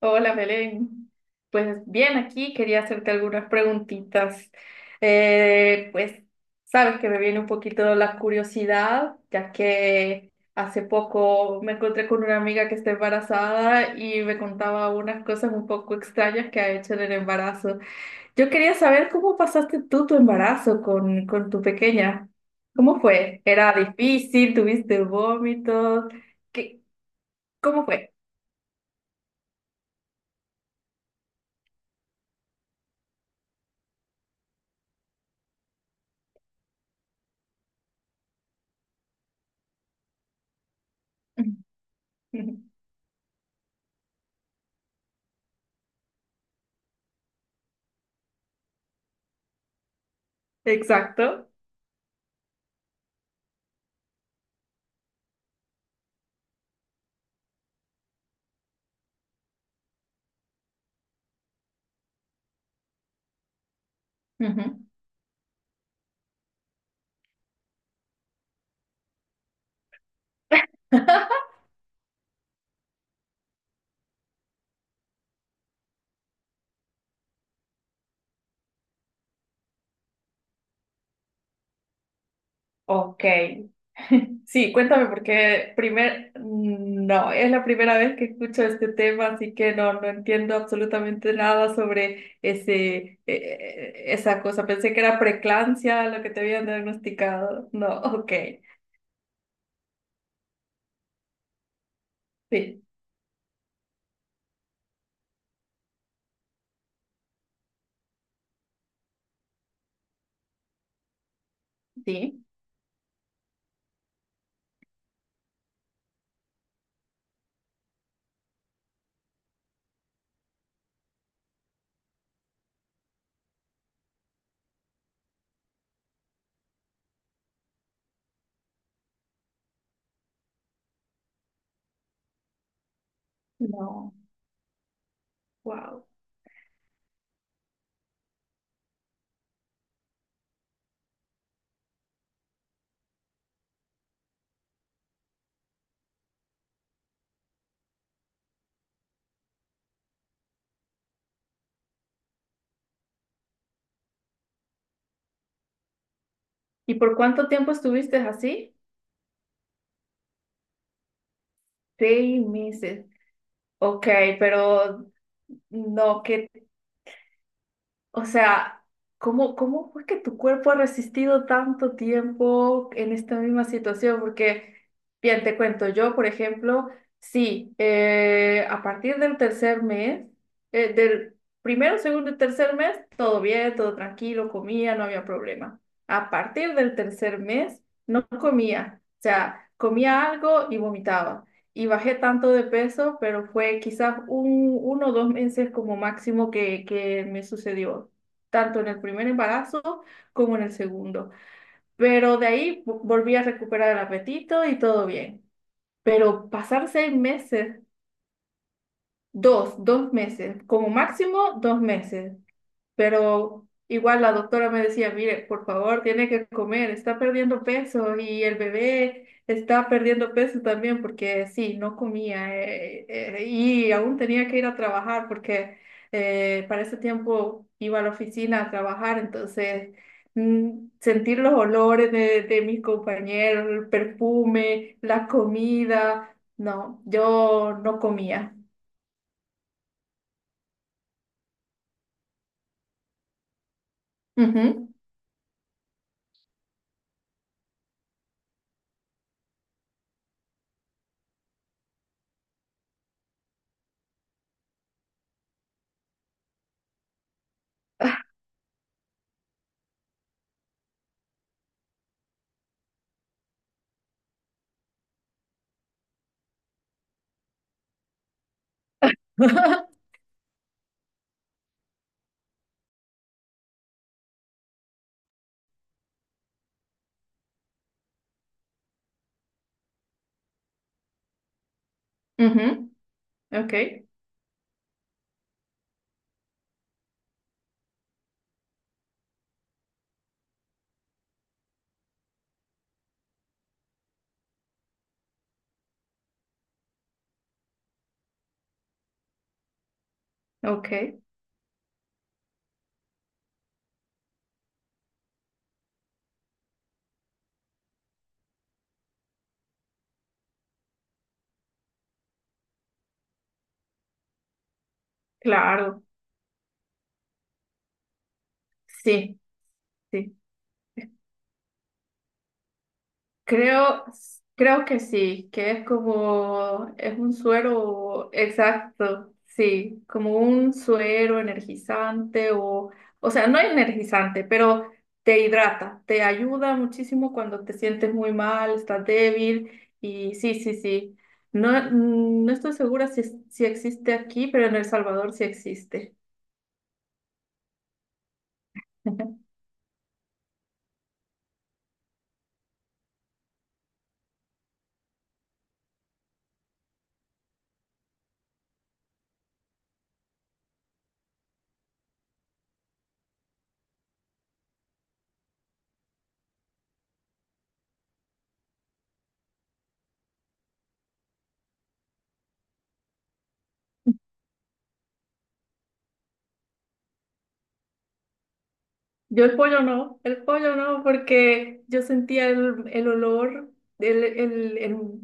Hola, Belén. Pues bien, aquí quería hacerte algunas preguntitas. Pues sabes que me viene un poquito la curiosidad, ya que hace poco me encontré con una amiga que está embarazada y me contaba unas cosas un poco extrañas que ha hecho en el embarazo. Yo quería saber cómo pasaste tú tu embarazo con tu pequeña. ¿Cómo fue? ¿Era difícil? ¿Tuviste vómitos? ¿Qué? ¿Cómo fue? Exacto. Ujú. Ok. Sí, cuéntame porque no, es la primera vez que escucho este tema, así que no, no entiendo absolutamente nada sobre esa cosa. Pensé que era preeclampsia lo que te habían diagnosticado. No, ok. Sí, sí, no, wow. ¿Y por cuánto tiempo estuviste así? 6 meses. Ok, pero no, ¿qué o sea, ¿cómo, cómo fue que tu cuerpo ha resistido tanto tiempo en esta misma situación? Porque, bien, te cuento, yo, por ejemplo, sí, a partir del tercer mes, del primero, segundo y tercer mes, todo bien, todo tranquilo, comía, no había problema. A partir del tercer mes, no comía. O sea, comía algo y vomitaba y bajé tanto de peso, pero fue quizás 1 o 2 meses como máximo que me sucedió, tanto en el primer embarazo como en el segundo. Pero de ahí volví a recuperar el apetito y todo bien. Pero pasar 6 meses, dos meses, como máximo 2 meses. Pero igual la doctora me decía, mire, por favor, tiene que comer, está perdiendo peso y el bebé está perdiendo peso también porque sí, no comía y aún tenía que ir a trabajar porque para ese tiempo iba a la oficina a trabajar, entonces sentir los olores de mis compañeros, el perfume, la comida, no, yo no comía. Ujú. Ujú, ok, ok. Claro, sí, sí. Creo, creo que sí, que es como, es un suero, exacto, sí, como un suero energizante o sea, no energizante, pero te hidrata, te ayuda muchísimo cuando te sientes muy mal, estás débil y sí, sí, sí. No, no estoy segura si existe aquí, pero en El Salvador sí existe. Yo el pollo no, porque yo sentía el olor, el, el, el-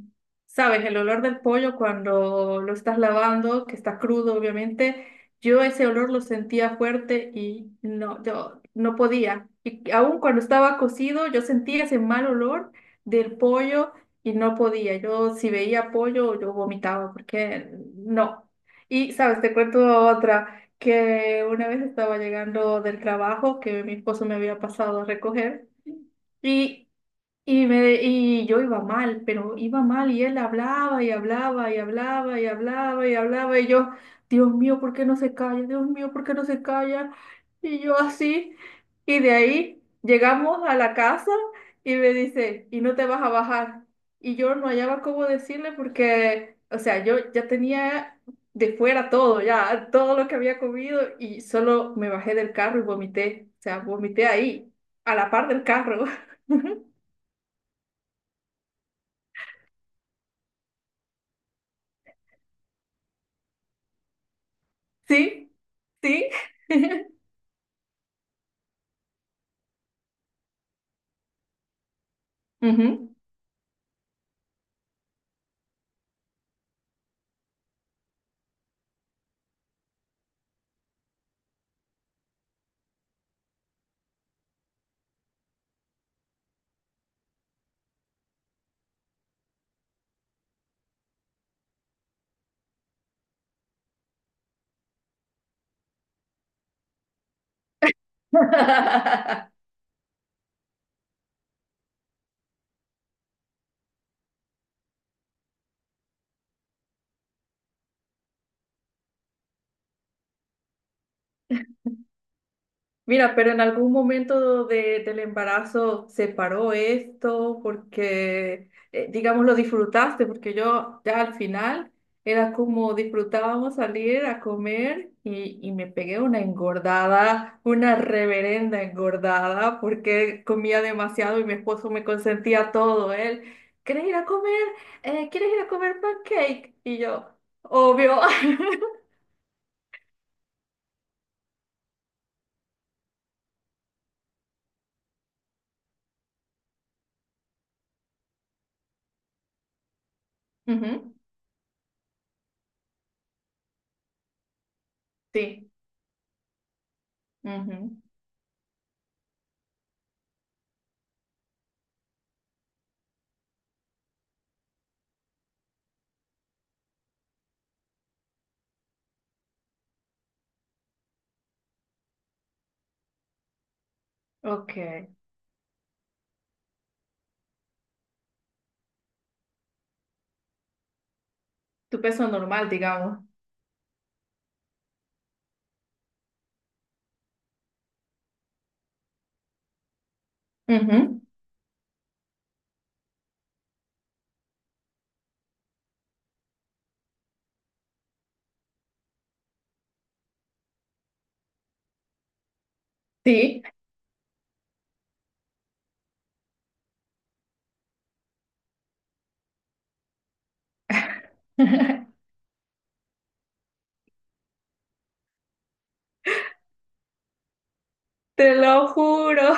¿sabes? El olor del pollo cuando lo estás lavando, que está crudo, obviamente. Yo ese olor lo sentía fuerte y no, yo no podía. Y aún cuando estaba cocido, yo sentía ese mal olor del pollo y no podía. Yo si veía pollo, yo vomitaba, porque no. Y, ¿sabes? Te cuento otra que una vez estaba llegando del trabajo que mi esposo me había pasado a recoger y y yo iba mal, pero iba mal y él hablaba y hablaba y hablaba y hablaba y hablaba y yo, Dios mío, ¿por qué no se calla? Dios mío, ¿por qué no se calla? Y yo así, y de ahí llegamos a la casa y me dice, ¿y no te vas a bajar? Y yo no hallaba cómo decirle porque, o sea, yo ya tenía de fuera todo, ya todo lo que había comido y solo me bajé del carro y vomité, o sea, vomité ahí, a la par del carro. Sí, sí. Ujú. Mira, pero en algún momento del embarazo se paró esto porque, digamos, lo disfrutaste, porque yo ya al final era como disfrutábamos salir a comer y me pegué una engordada, una reverenda engordada, porque comía demasiado y mi esposo me consentía todo. Él, ¿quieres ir a comer? ¿Quieres ir a comer pancake? Y yo, obvio. Ujú, sí. Ujú, ok. Tu peso normal, digamos. Ujú, sí. Te lo juro.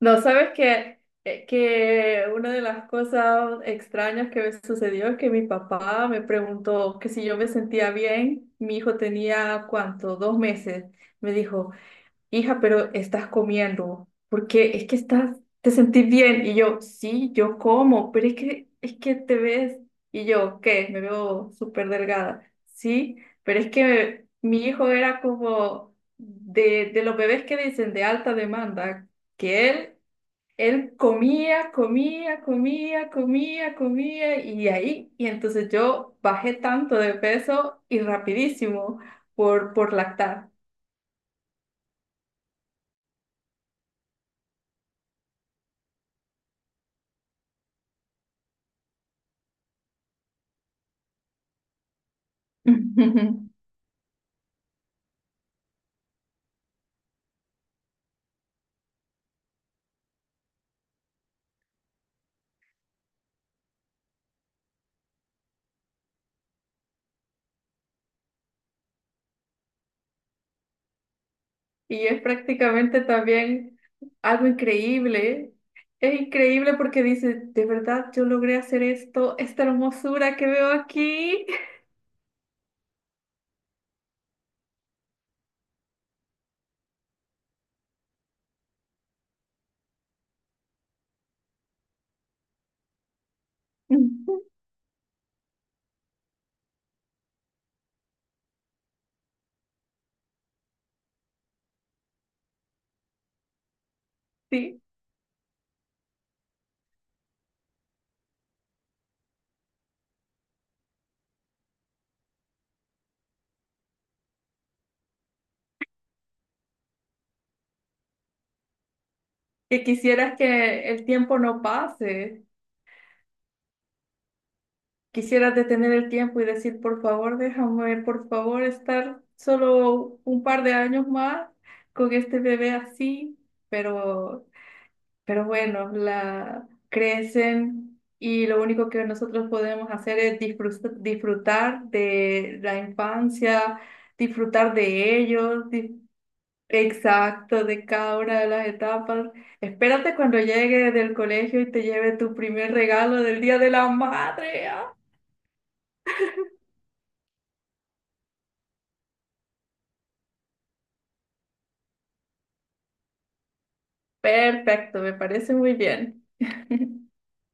No, sabes que una de las cosas extrañas que me sucedió es que mi papá me preguntó que si yo me sentía bien. Mi hijo tenía, ¿cuánto? 2 meses. Me dijo, hija, pero estás comiendo, porque es que estás, te sentís bien. Y yo, sí, yo como, pero es que te ves. Y yo, ¿qué? Me veo súper delgada. Sí, pero es que mi hijo era como de los bebés que dicen de alta demanda, que él comía, comía, comía, comía, comía, y ahí, y entonces yo bajé tanto de peso y rapidísimo por lactar. Y es prácticamente también algo increíble. Es increíble porque dice, de verdad yo logré hacer esto, esta hermosura que veo aquí. Sí, que quisieras que el tiempo no pase. Quisieras detener el tiempo y decir, por favor, déjame, por favor, estar solo un par de años más con este bebé así. Pero Pero bueno, la crecen y lo único que nosotros podemos hacer es disfrutar de la infancia, disfrutar de ellos, exacto, de cada una de las etapas. Espérate cuando llegue del colegio y te lleve tu primer regalo del Día de la Madre. ¡Ah! Perfecto, me parece muy bien.